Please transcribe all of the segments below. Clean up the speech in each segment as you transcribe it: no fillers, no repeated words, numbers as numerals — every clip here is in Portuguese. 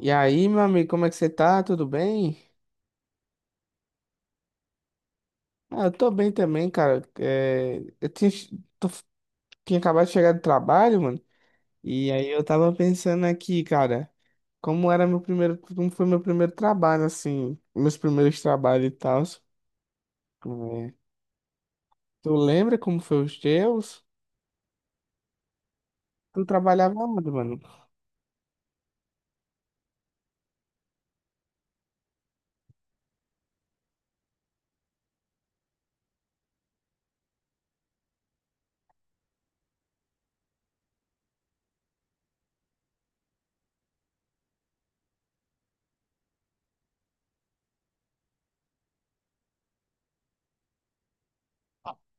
E aí, meu amigo, como é que você tá? Tudo bem? Ah, eu tô bem também, cara. É, eu tinha, tô- tinha acabado de chegar do trabalho, mano. E aí eu tava pensando aqui, cara, como foi meu primeiro trabalho, assim, meus primeiros trabalhos e tal. É. Tu lembra como foi os teus? Tu trabalhava onde, mano?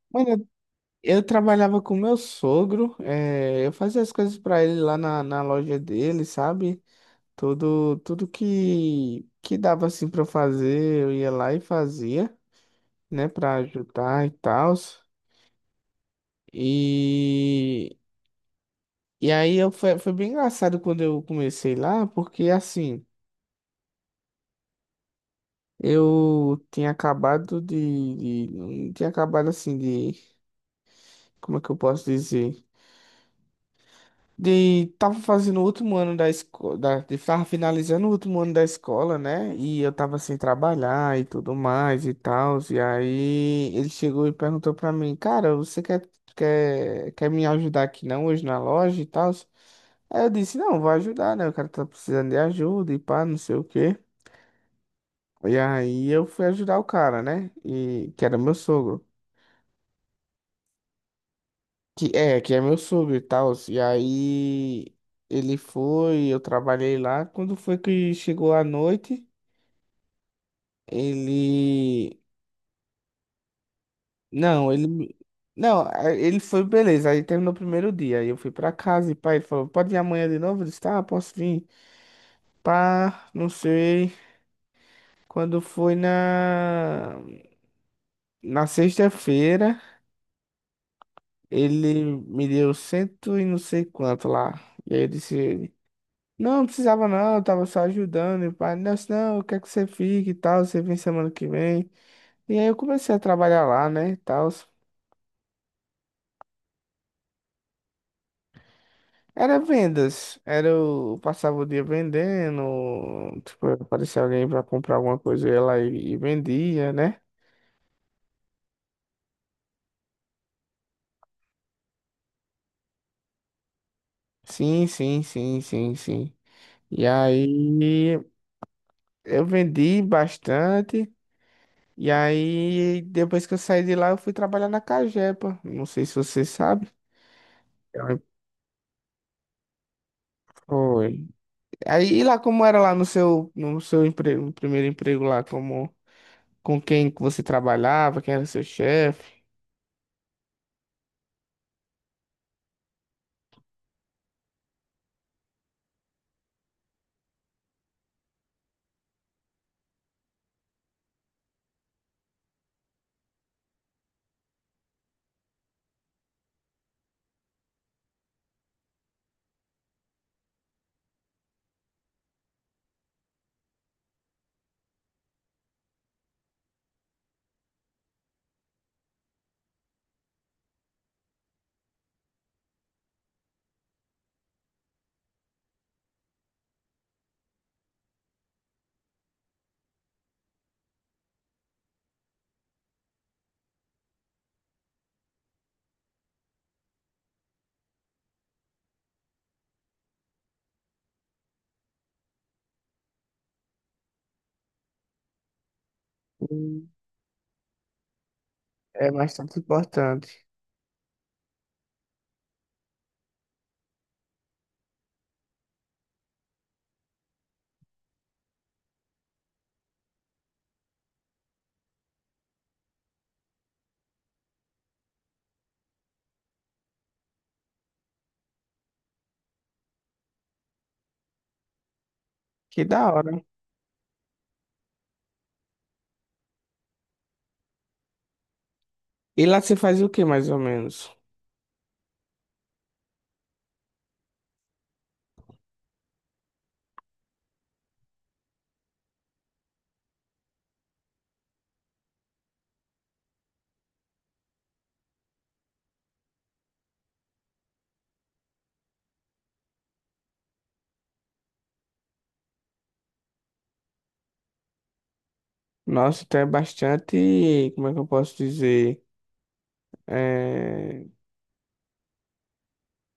Mano, eu trabalhava com meu sogro, é, eu fazia as coisas pra ele lá na loja dele, sabe? Tudo que dava assim pra eu fazer, eu ia lá e fazia, né, pra ajudar e tal. E, e aí foi bem engraçado quando eu comecei lá, porque assim, eu tinha acabado tinha acabado assim de, como é que eu posso dizer? De, tava fazendo o último ano da escola, tava finalizando o último ano da escola, né? E eu tava sem trabalhar e tudo mais e tal. E aí ele chegou e perguntou pra mim, cara, você quer me ajudar aqui não hoje na loja e tal? Aí eu disse, não, vou ajudar, né? O cara tá precisando de ajuda e pá, não sei o quê. E aí eu fui ajudar o cara, né? E que era meu sogro. Que é meu sogro e tal. E aí ele foi, eu trabalhei lá. Quando foi que chegou a noite, ele. Não, ele. Me- Não, a- ele foi, beleza. Aí terminou o primeiro dia. Aí eu fui pra casa e pai, ele falou: pode ir amanhã de novo? Eu disse: tá, posso vir. Pá, não sei. Quando foi na. Na sexta-feira, ele me deu cento e não sei quanto lá. E aí eu disse. Não, não precisava não, eu tava só ajudando. E o pai, não, não, eu quero que você fique e tal, você vem semana que vem. E aí eu comecei a trabalhar lá, né, e tal. Era vendas, era eu passava o dia vendendo, tipo, aparecia alguém pra comprar alguma coisa, eu ia lá e vendia, né? Sim, sim, sim, sim, sim. E aí eu vendi bastante. E aí, depois que eu saí de lá, eu fui trabalhar na Cagepa. Não sei se você sabe. Aí foi. Aí, e lá como era lá no seu emprego, no primeiro emprego lá, com quem que você trabalhava, quem era seu chefe? Hum. É bastante importante. Que da hora. E lá você faz o que mais ou menos? Nossa, então é bastante, como é que eu posso dizer? É,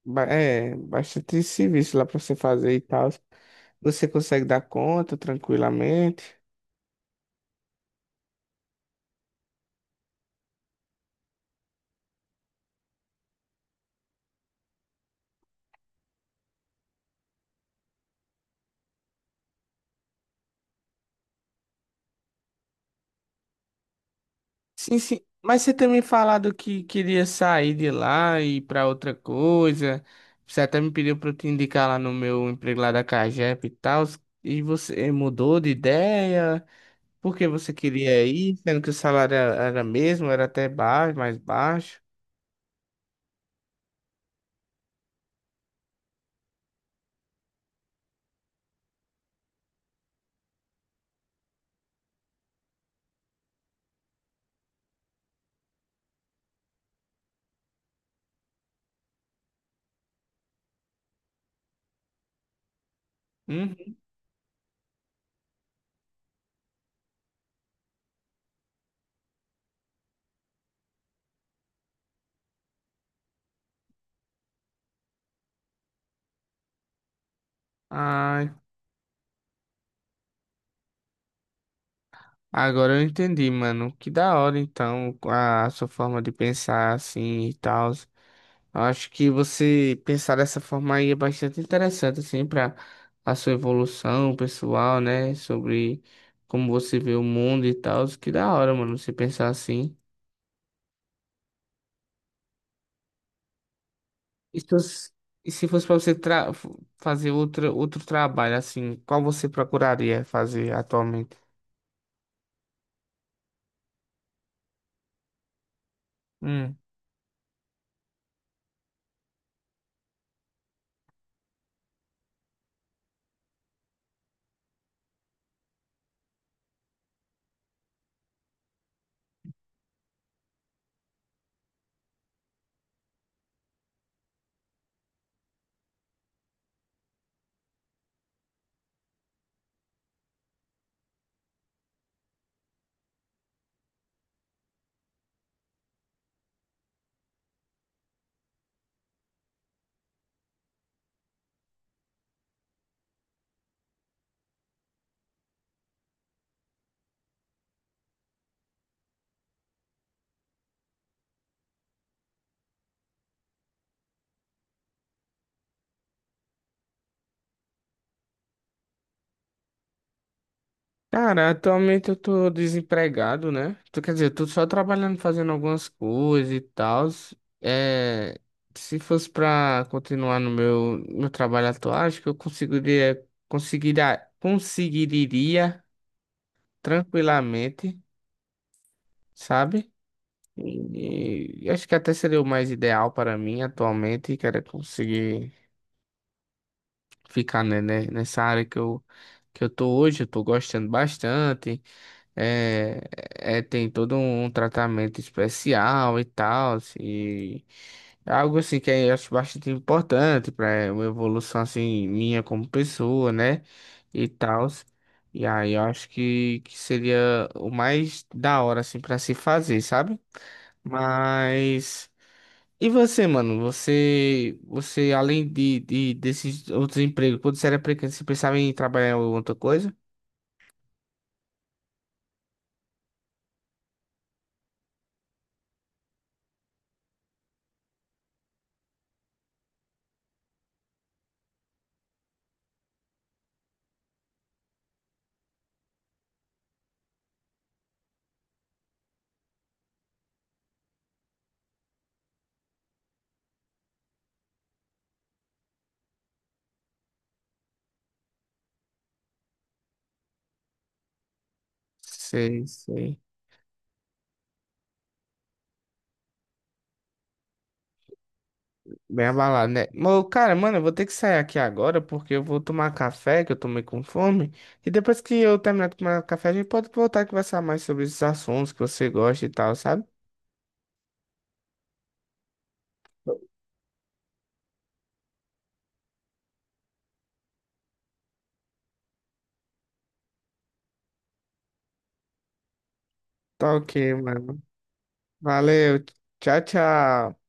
é bastante serviço lá para você fazer e tal. Você consegue dar conta tranquilamente? Sim, sim. Mas você também falado que queria sair de lá e ir pra outra coisa. Você até me pediu pra eu te indicar lá no meu emprego lá da Cagep e tal. E você mudou de ideia? Porque você queria ir, sendo que o salário era mesmo, era até baixo, mais baixo. Uhum. Ai, agora eu entendi, mano. Que da hora, então, a sua forma de pensar assim e tal. Acho que você pensar dessa forma aí é bastante interessante, assim, para a sua evolução pessoal, né? Sobre como você vê o mundo e tal. Que da hora, mano, você pensar assim. E se fosse, e se fosse pra você fazer outro trabalho, assim, qual você procuraria fazer atualmente? Hum. Cara, atualmente eu tô desempregado, né? Tu quer dizer, eu tô só trabalhando, fazendo algumas coisas e tal. É, se fosse pra continuar no meu trabalho atual, acho que eu conseguiria tranquilamente, sabe? E acho que até seria o mais ideal para mim atualmente, que era conseguir ficar, né, nessa área que eu tô hoje, eu tô gostando bastante. É, tem todo um tratamento especial e tal, assim, e é algo assim que eu acho bastante importante para uma evolução assim minha como pessoa, né? E tal. E aí eu acho que seria o mais da hora assim para se fazer, sabe? Mas e você, mano? Você além de desses outros empregos, quando você era pequeno, você pensava em trabalhar em outra coisa? Sei, sei. Bem abalado, né? Mas, cara, mano, eu vou ter que sair aqui agora porque eu vou tomar café, que eu tomei com fome. E depois que eu terminar de tomar café, a gente pode voltar a conversar mais sobre esses assuntos que você gosta e tal, sabe? Tá ok, mano. Valeu. Tchau, tchau.